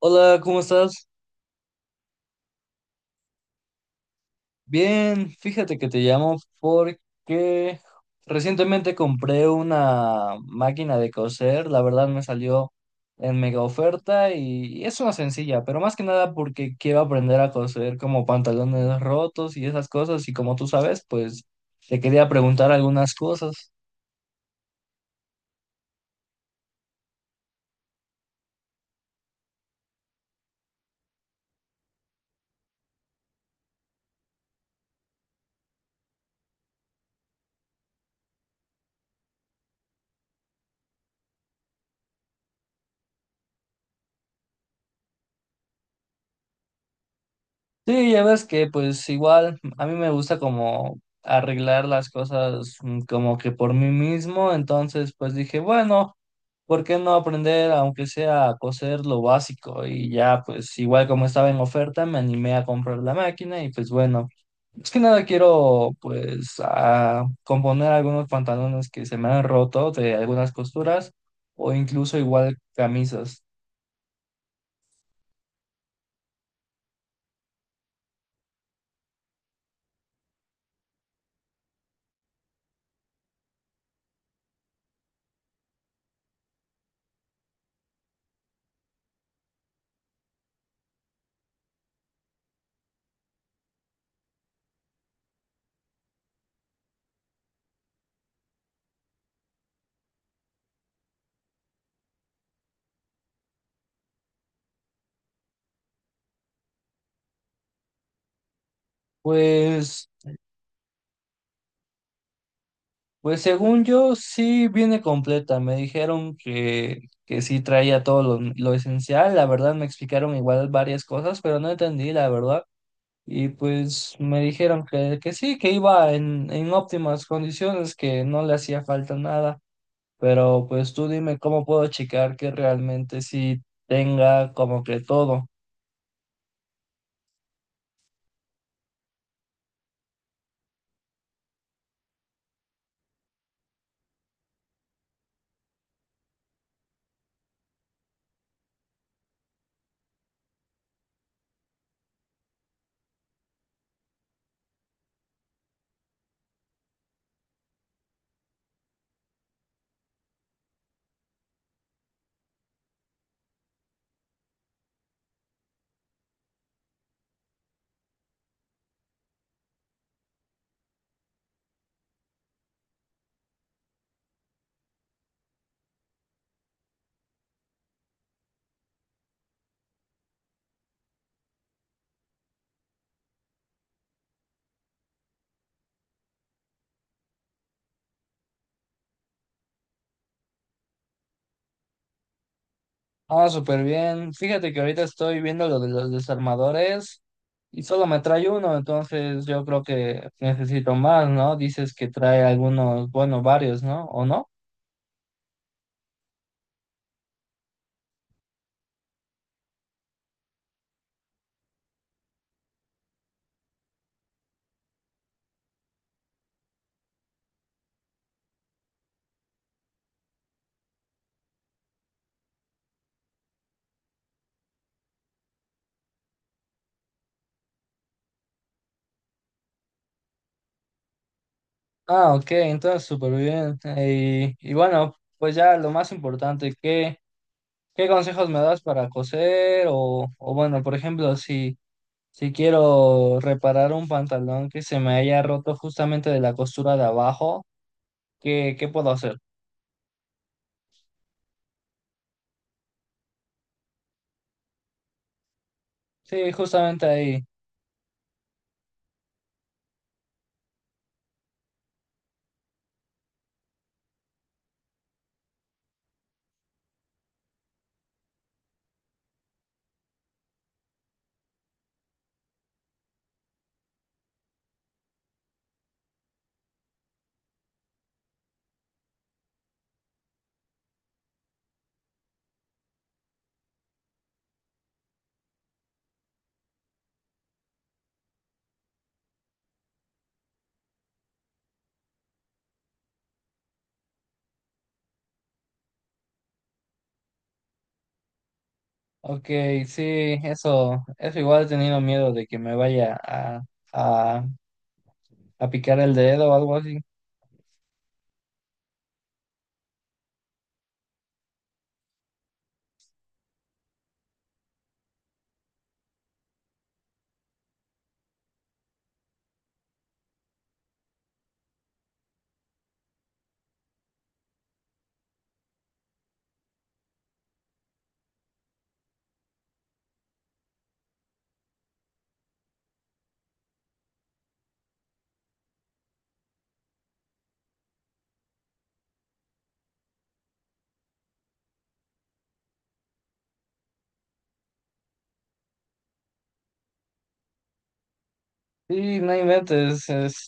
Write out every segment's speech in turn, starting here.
Hola, ¿cómo estás? Bien, fíjate que te llamo porque recientemente compré una máquina de coser, la verdad me salió en mega oferta y es una sencilla, pero más que nada porque quiero aprender a coser como pantalones rotos y esas cosas y como tú sabes, pues te quería preguntar algunas cosas. Sí, ya ves que pues igual a mí me gusta como arreglar las cosas como que por mí mismo, entonces pues dije, bueno, ¿por qué no aprender aunque sea a coser lo básico? Y ya pues igual como estaba en oferta me animé a comprar la máquina y pues bueno, es que nada quiero pues a componer algunos pantalones que se me han roto de algunas costuras o incluso igual camisas. Pues pues según yo, sí viene completa. Me dijeron que sí traía todo lo esencial. La verdad, me explicaron igual varias cosas, pero no entendí, la verdad. Y pues me dijeron que sí, que iba en óptimas condiciones, que no le hacía falta nada. Pero pues tú dime cómo puedo checar que realmente sí tenga como que todo. Ah, súper bien. Fíjate que ahorita estoy viendo lo de los desarmadores y solo me trae uno, entonces yo creo que necesito más, ¿no? Dices que trae algunos, bueno, varios, ¿no? ¿O no? Ah, ok, entonces súper bien. Y bueno, pues ya lo más importante, ¿qué consejos me das para coser? O bueno, por ejemplo, si, si quiero reparar un pantalón que se me haya roto justamente de la costura de abajo, ¿qué puedo hacer? Sí, justamente ahí. Ok, sí, eso igual he tenido miedo de que me vaya a, a picar el dedo o algo así. Sí, no inventes, es,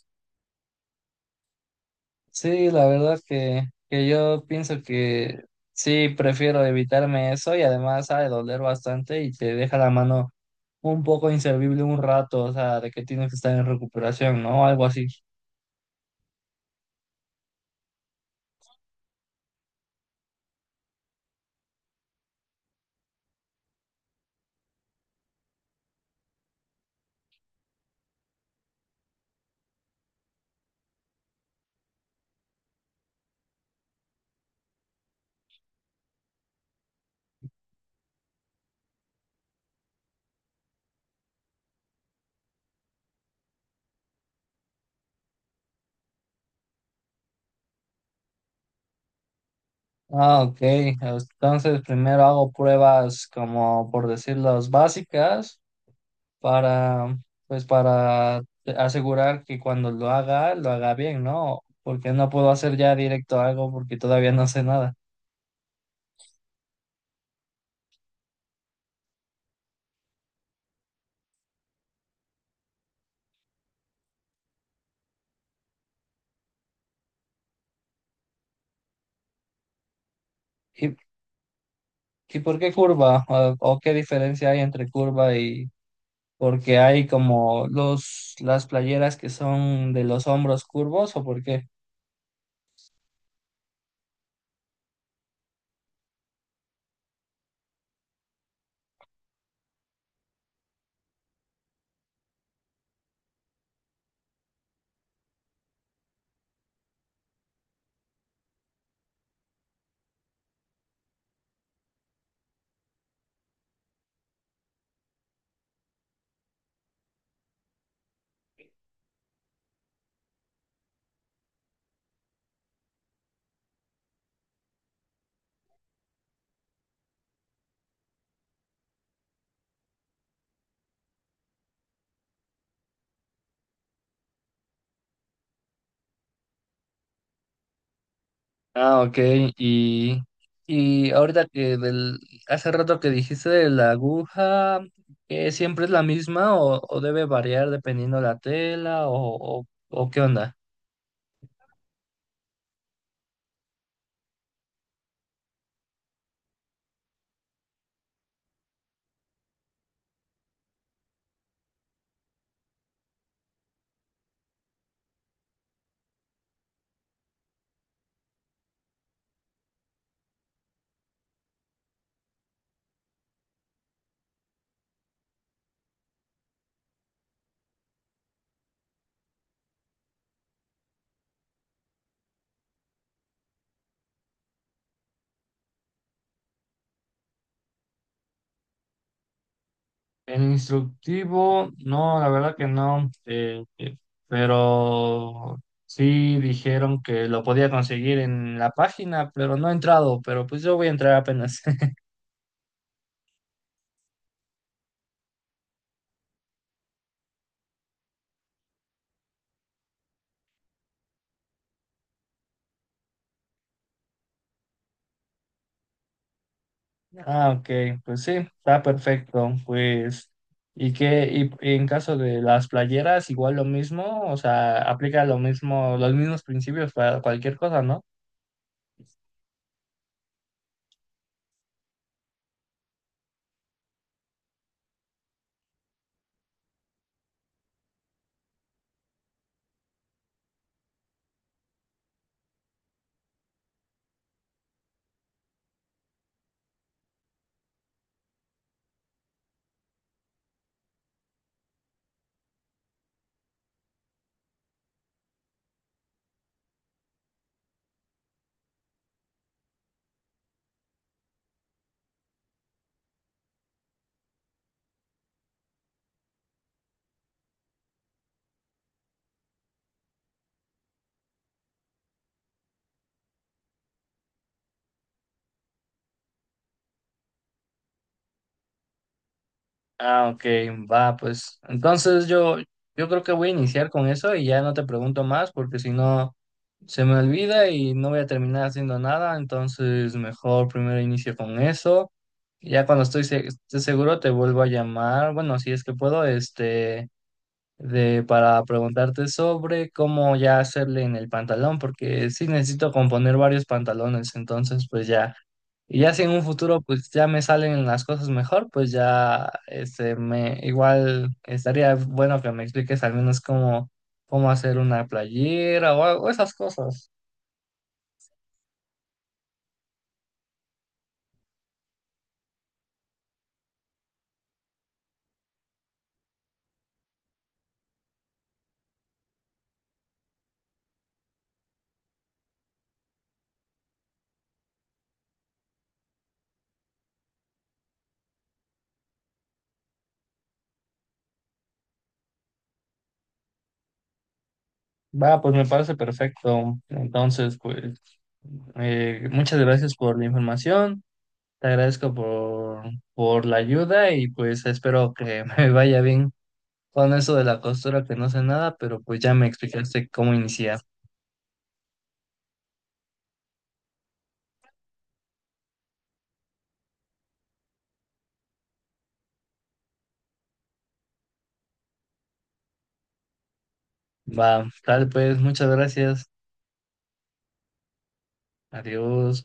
sí, la verdad que yo pienso que sí, prefiero evitarme eso y además ha de doler bastante y te deja la mano un poco inservible un rato, o sea, de que tienes que estar en recuperación, ¿no? Algo así. Ah, ok, entonces primero hago pruebas como por decirlas básicas. Para, pues para asegurar que cuando lo haga bien, ¿no? Porque no puedo hacer ya directo algo porque todavía no sé nada. ¿Y, y por qué curva? O qué diferencia hay entre curva y...? Porque hay como los, las playeras que son de los hombros curvos, ¿o por qué? Ah, ok. Y, y ahorita que del, hace rato que dijiste de la aguja, ¿que siempre es la misma o debe variar dependiendo la tela o qué onda? El instructivo, no, la verdad que no, pero sí dijeron que lo podía conseguir en la página, pero no he entrado, pero pues yo voy a entrar apenas. Ah, ok, pues sí, está perfecto. Pues, ¿y qué? Y en caso de las playeras, igual lo mismo, o sea, aplica lo mismo, los mismos principios para cualquier cosa, ¿no? Ah, ok, va, pues. Entonces yo creo que voy a iniciar con eso y ya no te pregunto más, porque si no se me olvida y no voy a terminar haciendo nada. Entonces, mejor primero inicio con eso. Ya cuando estoy, se- esté seguro te vuelvo a llamar. Bueno, si es que puedo, este. De, para preguntarte sobre cómo ya hacerle en el pantalón, porque sí necesito componer varios pantalones, entonces pues ya, y ya si en un futuro pues ya me salen las cosas mejor, pues ya este me igual estaría bueno que me expliques al menos cómo, cómo hacer una playera o, algo- esas cosas. Va, pues me parece perfecto. Entonces, pues muchas gracias por la información. Te agradezco por la ayuda y pues espero que me vaya bien con eso de la costura, que no sé nada, pero pues ya me explicaste cómo iniciar. Va, tal pues, muchas gracias. Adiós.